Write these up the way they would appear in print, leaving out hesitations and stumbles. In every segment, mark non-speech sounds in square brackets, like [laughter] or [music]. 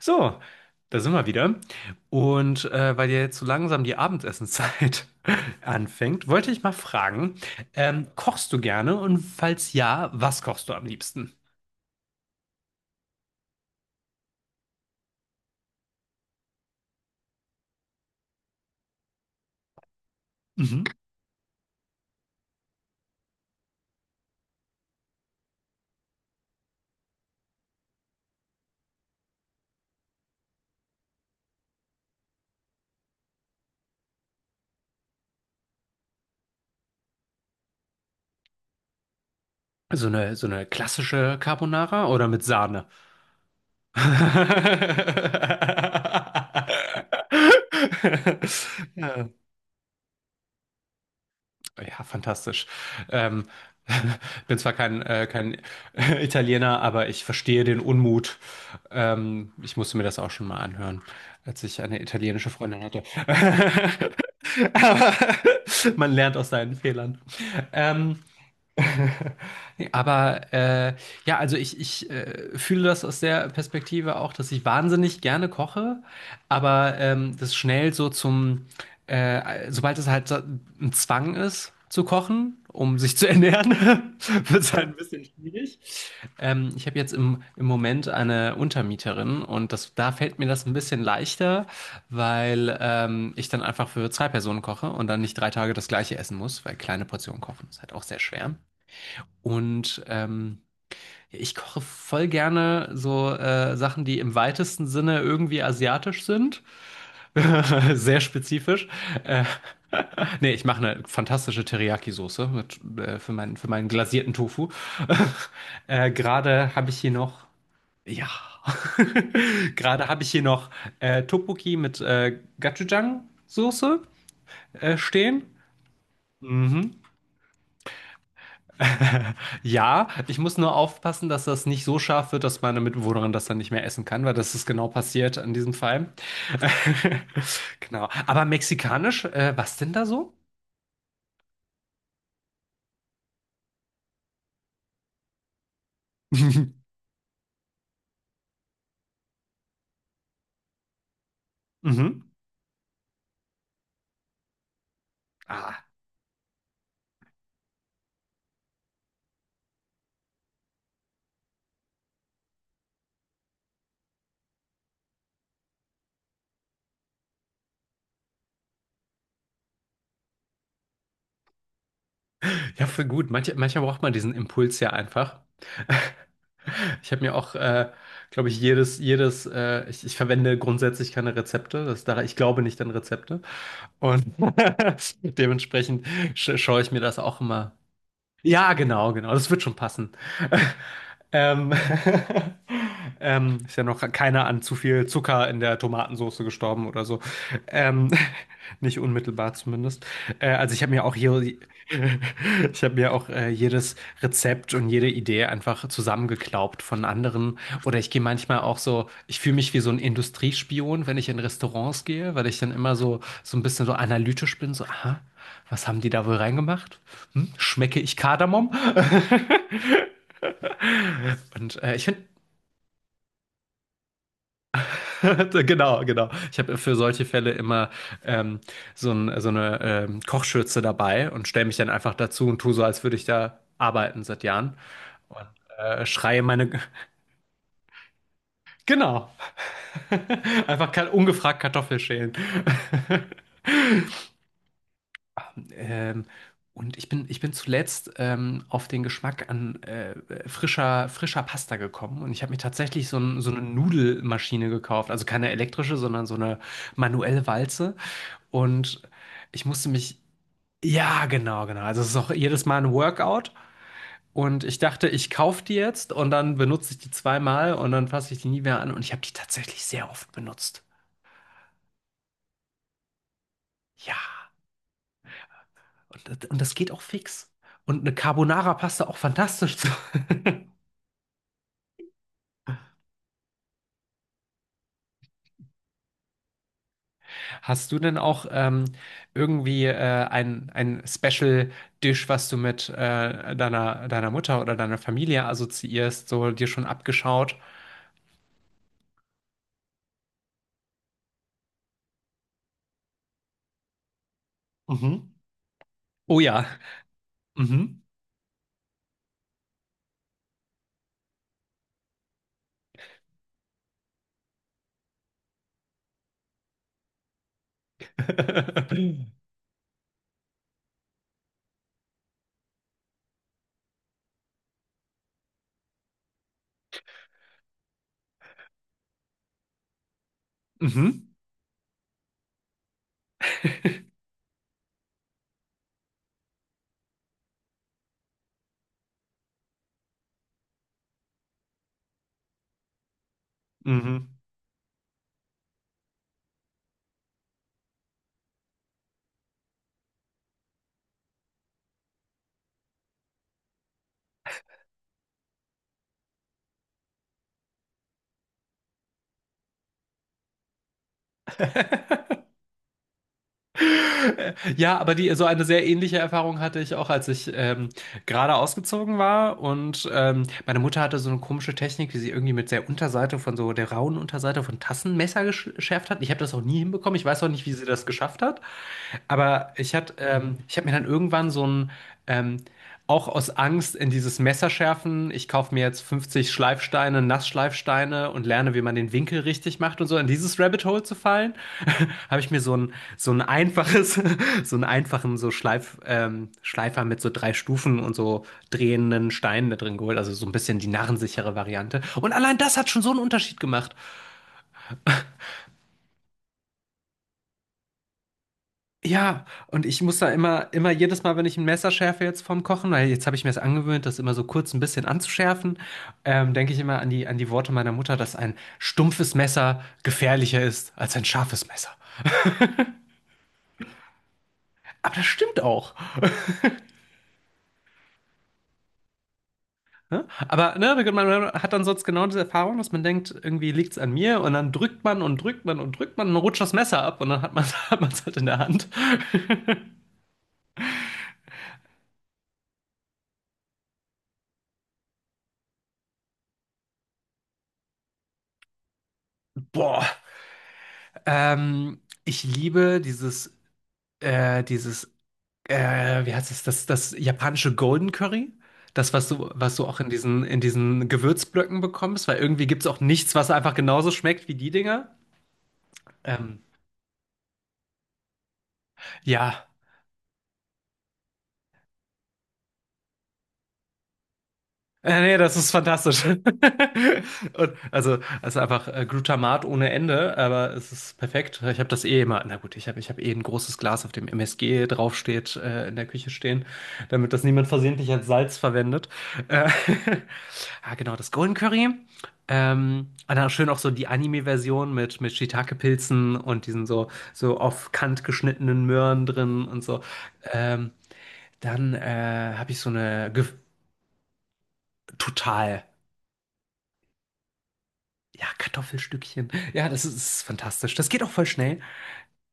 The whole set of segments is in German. So, da sind wir wieder. Und weil ja jetzt so langsam die Abendessenszeit [laughs] anfängt, wollte ich mal fragen, kochst du gerne? Und falls ja, was kochst du am liebsten? Mhm. So eine klassische Carbonara oder mit Sahne? [laughs] Ja. Ja, fantastisch. Ähm, [laughs] bin zwar kein, kein [laughs] Italiener, aber ich verstehe den Unmut. Ich musste mir das auch schon mal anhören, als ich eine italienische Freundin hatte. [laughs] Aber [laughs] man lernt aus seinen Fehlern. Ähm, [laughs] Aber ja, also ich fühle das aus der Perspektive auch, dass ich wahnsinnig gerne koche, aber das schnell so zum, sobald es halt so ein Zwang ist zu kochen, um sich zu ernähren, [laughs] wird es halt ein bisschen schwierig. Ich habe jetzt im Moment eine Untermieterin und das, da fällt mir das ein bisschen leichter, weil ich dann einfach für zwei Personen koche und dann nicht drei Tage das gleiche essen muss, weil kleine Portionen kochen ist halt auch sehr schwer. Und ich koche voll gerne so Sachen, die im weitesten Sinne irgendwie asiatisch sind. [laughs] Sehr spezifisch. Äh, [laughs] nee, ich mache eine fantastische Teriyaki-Soße mit, für meinen glasierten Tofu. [laughs] Gerade habe ich hier noch, ja, [laughs] gerade habe ich hier noch Tteokbokki mit Gochujang-Soße stehen. Mhm. [laughs] Ja, ich muss nur aufpassen, dass das nicht so scharf wird, dass meine Mitbewohnerin das dann nicht mehr essen kann, weil das ist genau passiert in diesem Fall. [laughs] Genau. Aber mexikanisch, was denn da so? [laughs] Mhm. Ah, ja, für gut. Manchmal braucht man diesen Impuls ja einfach. Ich habe mir auch, glaube ich, verwende grundsätzlich keine Rezepte. Ich glaube nicht an Rezepte. Und [laughs] dementsprechend schaue ich mir das auch immer. Ja, genau. Das wird schon passen. [laughs] Ähm, [laughs] ist ja noch keiner an zu viel Zucker in der Tomatensauce gestorben oder so. Ähm, [laughs] nicht unmittelbar zumindest. Also ich habe mir auch hier, [laughs] ich habe mir auch jedes Rezept und jede Idee einfach zusammengeklaubt von anderen. Oder ich gehe manchmal auch so, ich fühle mich wie so ein Industriespion, wenn ich in Restaurants gehe, weil ich dann immer so, so ein bisschen so analytisch bin, so, aha. Was haben die da wohl reingemacht? Hm? Schmecke ich Kardamom? [laughs] Und ich finde, [laughs] genau. Ich habe für solche Fälle immer ähm, so eine Kochschürze dabei und stelle mich dann einfach dazu und tue so, als würde ich da arbeiten seit Jahren und schreie meine. [laughs] Genau. [laughs] Einfach ungefragt Kartoffel schälen. [laughs] Ähm, und ich bin zuletzt auf den Geschmack an frischer Pasta gekommen. Und ich habe mir tatsächlich so eine Nudelmaschine gekauft. Also keine elektrische, sondern so eine manuelle Walze. Und ich musste mich. Ja, genau. Also es ist auch jedes Mal ein Workout. Und ich dachte, ich kaufe die jetzt und dann benutze ich die zweimal und dann fasse ich die nie mehr an. Und ich habe die tatsächlich sehr oft benutzt. Ja, und das geht auch fix. Und eine Carbonara-Pasta auch fantastisch. Zu. [laughs] Hast du denn auch irgendwie ein Special Dish, was du mit deiner Mutter oder deiner Familie assoziierst, so dir schon abgeschaut? Mhm. Oh ja. Mhm. [laughs] Mhm. Mhm. [laughs] Ja, aber die, so eine sehr ähnliche Erfahrung hatte ich auch, als ich gerade ausgezogen war. Und meine Mutter hatte so eine komische Technik, wie sie irgendwie mit der Unterseite von so der rauen Unterseite von Tassenmesser geschärft hat. Ich habe das auch nie hinbekommen. Ich weiß auch nicht, wie sie das geschafft hat. Aber ich hatte, ich habe mir dann irgendwann so ein, ähm, auch aus Angst in dieses Messerschärfen, ich kaufe mir jetzt 50 Schleifsteine, Nassschleifsteine und lerne, wie man den Winkel richtig macht und so, in dieses Rabbit Hole zu fallen, [laughs] habe ich mir so ein einfaches, [laughs] so einen einfachen so Schleif, Schleifer mit so drei Stufen und so drehenden Steinen da drin geholt, also so ein bisschen die narrensichere Variante. Und allein das hat schon so einen Unterschied gemacht. Ja, und ich muss da immer jedes Mal, wenn ich ein Messer schärfe jetzt vom Kochen, weil jetzt habe ich mir es angewöhnt, das immer so kurz ein bisschen anzuschärfen, denke ich immer an die Worte meiner Mutter, dass ein stumpfes Messer gefährlicher ist als ein scharfes Messer. Aber das stimmt auch. [laughs] Ne? Aber ne, man hat dann sonst genau diese Erfahrung, dass man denkt, irgendwie liegt's an mir und dann drückt man und drückt man und drückt man und rutscht das Messer ab und dann hat man [laughs] hat man's halt in der Hand. [laughs] Boah, ich liebe dieses, wie heißt es, das japanische Golden Curry? Das, was du auch in diesen Gewürzblöcken bekommst, weil irgendwie gibt es auch nichts, was einfach genauso schmeckt wie die Dinger. Ähm, ja, nee, das ist fantastisch. [laughs] Und also, es einfach Glutamat ohne Ende, aber es ist perfekt. Ich habe das eh immer. Na gut, ich hab eh ein großes Glas, auf dem MSG draufsteht, in der Küche stehen, damit das niemand versehentlich als Salz verwendet. Äh, [laughs] ah, genau, das Golden Curry. Und dann schön auch so die Anime-Version mit Shiitake-Pilzen und diesen so, so auf Kant geschnittenen Möhren drin und so. Ähm, dann habe ich so eine total. Ja, Kartoffelstückchen. Ja, das ist fantastisch. Das geht auch voll schnell.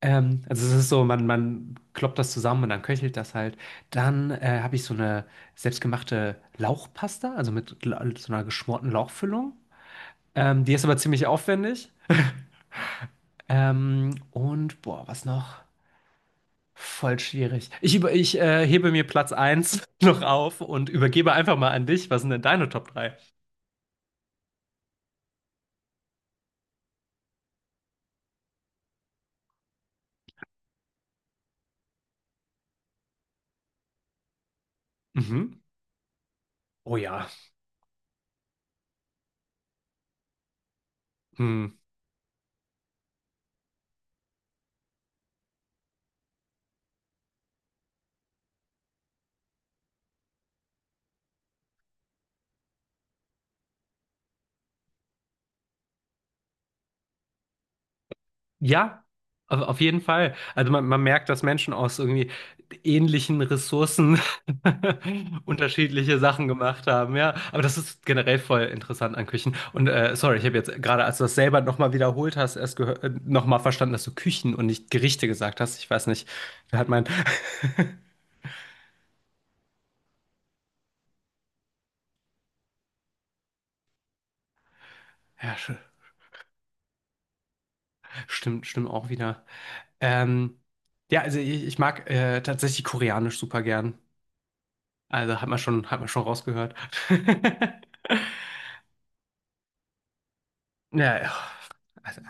Also es ist so, man kloppt das zusammen und dann köchelt das halt. Dann habe ich so eine selbstgemachte Lauchpasta, also mit so einer geschmorten Lauchfüllung. Die ist aber ziemlich aufwendig. Und boah, was noch? Voll schwierig. Ich hebe mir Platz eins [laughs] noch auf und übergebe einfach mal an dich. Was sind denn deine Top drei? Mhm. Oh ja. Hm. Ja, auf jeden Fall. Also man merkt, dass Menschen aus irgendwie ähnlichen Ressourcen [laughs] unterschiedliche Sachen gemacht haben, ja. Aber das ist generell voll interessant an Küchen. Und sorry, ich habe jetzt gerade, als du das selber nochmal wiederholt hast, erst gehört, nochmal verstanden, dass du Küchen und nicht Gerichte gesagt hast. Ich weiß nicht, da hat mein... [laughs] Ja, stimmt, stimmt auch wieder. Ähm, ja, also ich mag tatsächlich koreanisch super gern. Also hat man schon rausgehört. [laughs] Ja, ja. also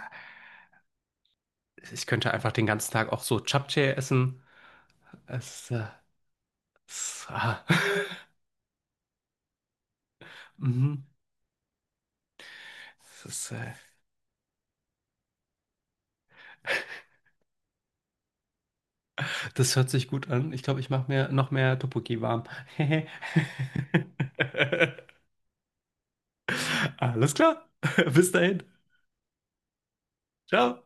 Ich könnte einfach den ganzen Tag auch so Japchae essen. Es, äh, es, ah, [laughs] mhm. das, äh, das hört sich gut an. Ich glaube, ich mache mir noch mehr Tteokbokki warm. [laughs] Alles klar. [laughs] Bis dahin. Ciao.